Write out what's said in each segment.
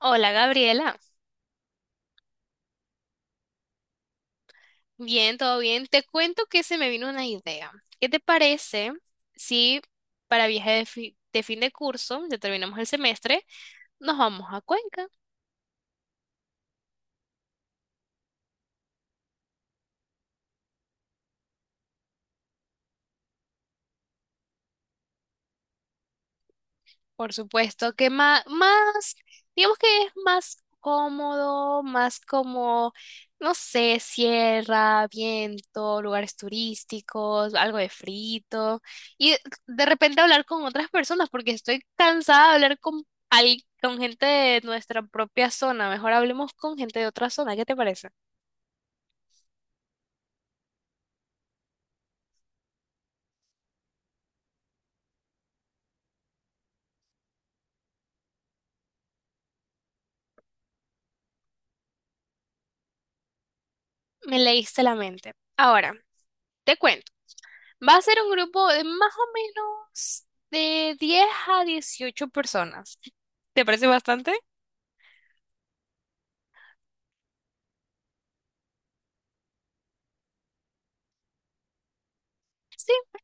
Hola Gabriela, bien, todo bien. Te cuento que se me vino una idea. ¿Qué te parece si para viaje de fin de curso, ya terminamos el semestre, nos vamos a Cuenca? Por supuesto, que más, digamos que es más cómodo, más como, no sé, sierra, viento, lugares turísticos, algo de frito. Y de repente hablar con otras personas, porque estoy cansada de hablar con con gente de nuestra propia zona. Mejor hablemos con gente de otra zona. ¿Qué te parece? Me leíste la mente. Ahora, te cuento. Va a ser un grupo de más o menos de 10 a 18 personas. ¿Te parece bastante?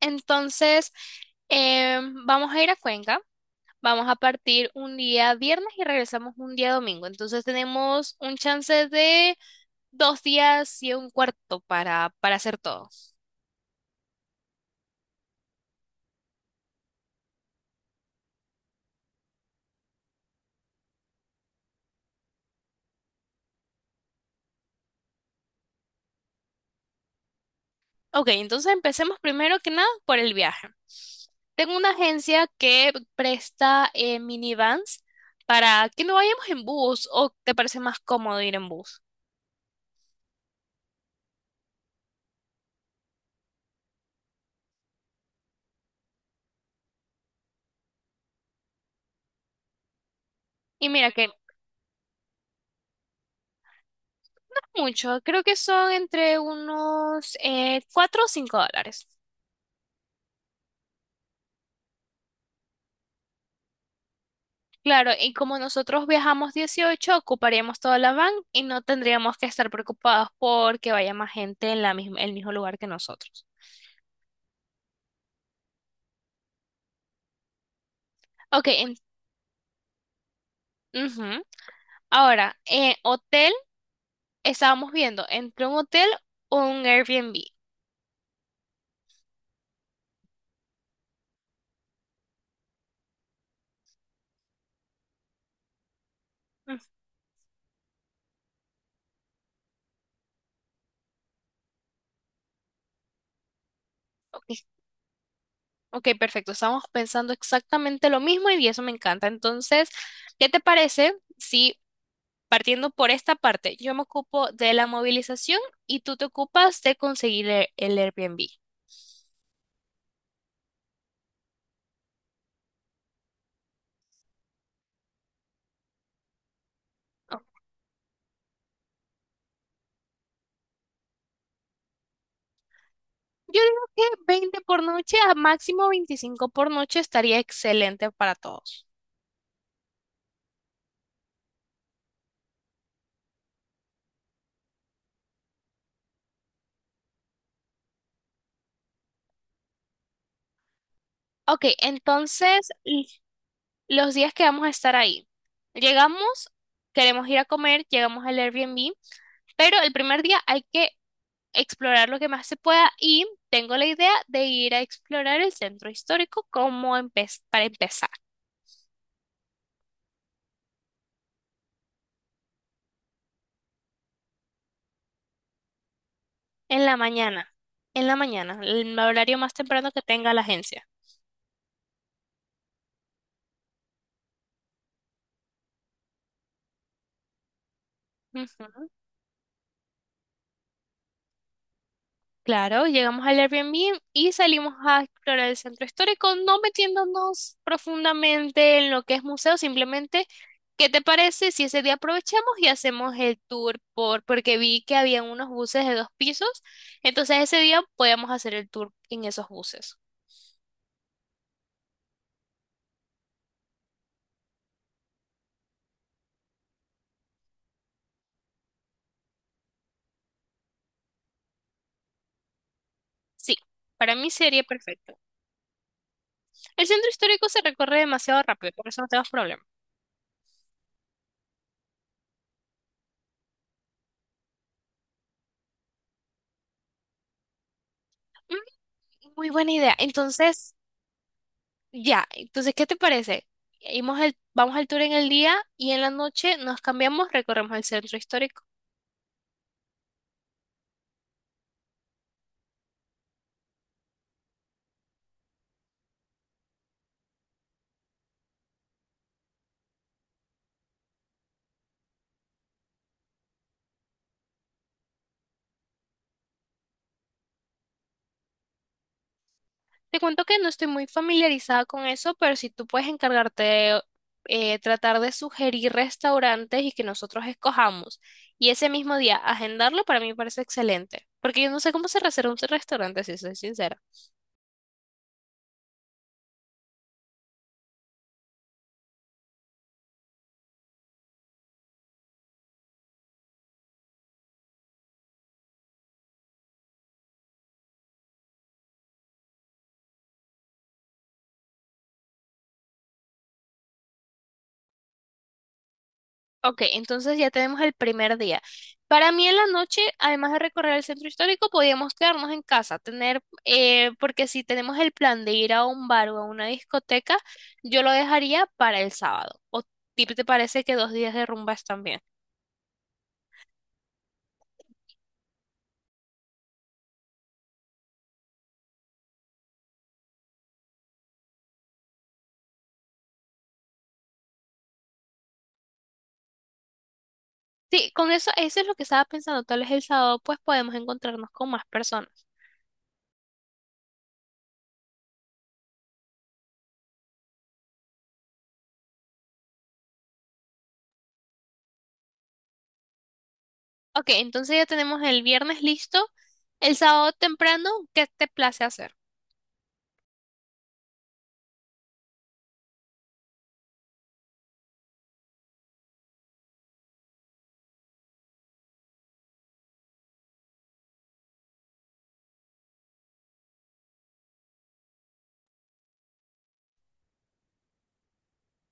Entonces, vamos a ir a Cuenca. Vamos a partir un día viernes y regresamos un día domingo. Entonces tenemos un chance de 2 días y un cuarto para hacer todo. Ok, entonces empecemos primero que nada por el viaje. Tengo una agencia que presta minivans para que no vayamos en bus o te parece más cómodo ir en bus. Y mira que mucho, creo que son entre unos 4 o cinco dólares. Claro, y como nosotros viajamos 18 ocuparíamos toda la van y no tendríamos que estar preocupados porque vaya más gente en la misma, el mismo lugar que nosotros. Ok, ujú. Ahora, hotel. Estábamos viendo entre un hotel o un Airbnb. Mm. Ok, ok, perfecto. Estábamos pensando exactamente lo mismo y eso me encanta. Entonces, ¿qué te parece si partiendo por esta parte, yo me ocupo de la movilización y tú te ocupas de conseguir el Airbnb? Ok. Yo digo que 20 por noche a máximo 25 por noche estaría excelente para todos. Ok, entonces los días que vamos a estar ahí. Llegamos, queremos ir a comer, llegamos al Airbnb, pero el primer día hay que explorar lo que más se pueda y tengo la idea de ir a explorar el centro histórico como para empezar, en la mañana, en la mañana, el horario más temprano que tenga la agencia. Ujú. Claro, llegamos al Airbnb y salimos a explorar el centro histórico, no metiéndonos profundamente en lo que es museo, simplemente, ¿qué te parece si ese día aprovechamos y hacemos el tour por, porque vi que había unos buses de dos pisos, entonces ese día podíamos hacer el tour en esos buses. Sí, para mí sería perfecto. El centro histórico se recorre demasiado rápido, por eso no tenemos problema. Mm, Muy buena idea. Entonces, ya, entonces, ¿qué te parece? Vamos el, vamos al tour en el día y en la noche nos cambiamos, recorremos el centro histórico. Te cuento que no estoy muy familiarizada con eso, pero si tú puedes encargarte de tratar de sugerir restaurantes y que nosotros escojamos y ese mismo día agendarlo, para mí me parece excelente, porque yo no sé cómo se reserva un restaurante, si soy sincera. Ok, entonces ya tenemos el primer día. Para mí en la noche, además de recorrer el centro histórico, podíamos quedarnos en casa, tener, porque si tenemos el plan de ir a un bar o a una discoteca, yo lo dejaría para el sábado. ¿O ti te parece que 2 días de rumba están bien? Sí, con eso, eso es lo que estaba pensando. Tal vez el sábado pues podemos encontrarnos con más personas. Ok, entonces ya tenemos el viernes listo. El sábado temprano, ¿qué te place hacer?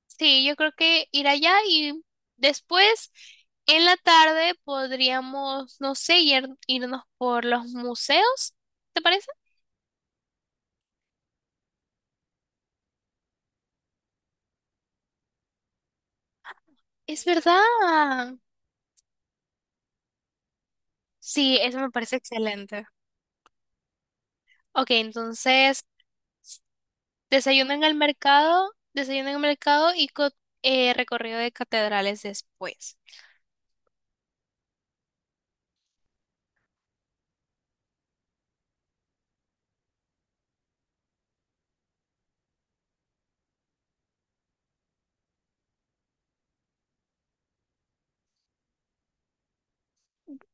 Sí, yo creo que ir allá y después en la tarde podríamos, no sé, irnos por los museos, ¿te parece? Es verdad. Sí, eso me parece excelente. Ok, entonces. Desayuno en el mercado, desayuno en el mercado y recorrido de catedrales después.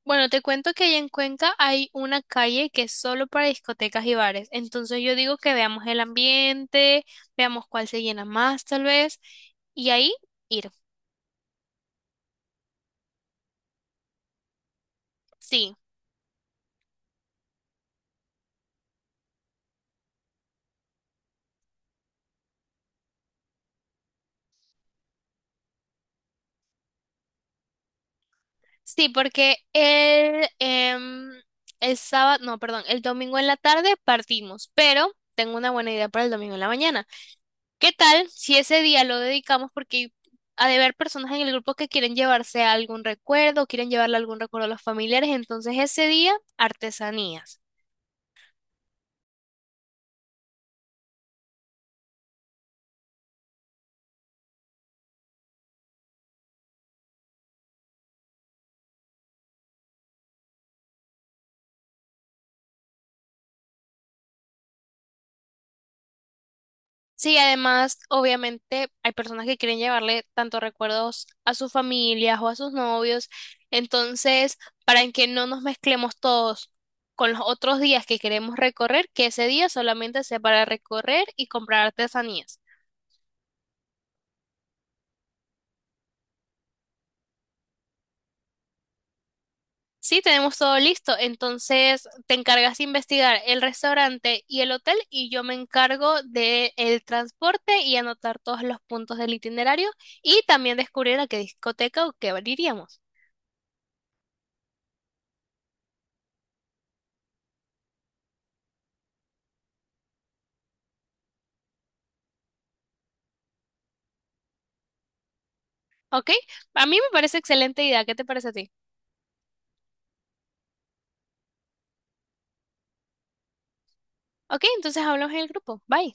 Bueno, te cuento que allá en Cuenca hay una calle que es solo para discotecas y bares. Entonces yo digo que veamos el ambiente, veamos cuál se llena más tal vez, y ahí ir. Sí, sí, porque el sábado, no, perdón, el domingo en la tarde partimos, pero tengo una buena idea para el domingo en la mañana. ¿Qué tal si ese día lo dedicamos porque ha de haber personas en el grupo que quieren llevarse algún recuerdo, quieren llevarle algún recuerdo a los familiares, entonces ese día artesanías. Sí, además, obviamente hay personas que quieren llevarle tanto recuerdos a sus familias o a sus novios, entonces para que no nos mezclemos todos con los otros días que queremos recorrer, que ese día solamente sea para recorrer y comprar artesanías. Sí, tenemos todo listo. Entonces, te encargas de investigar el restaurante y el hotel y yo me encargo de el transporte y anotar todos los puntos del itinerario y también descubrir a qué discoteca o qué bar iríamos. ¿Ok? A mí me parece excelente idea. ¿Qué te parece a ti? Ok, entonces hablamos en el grupo. Bye.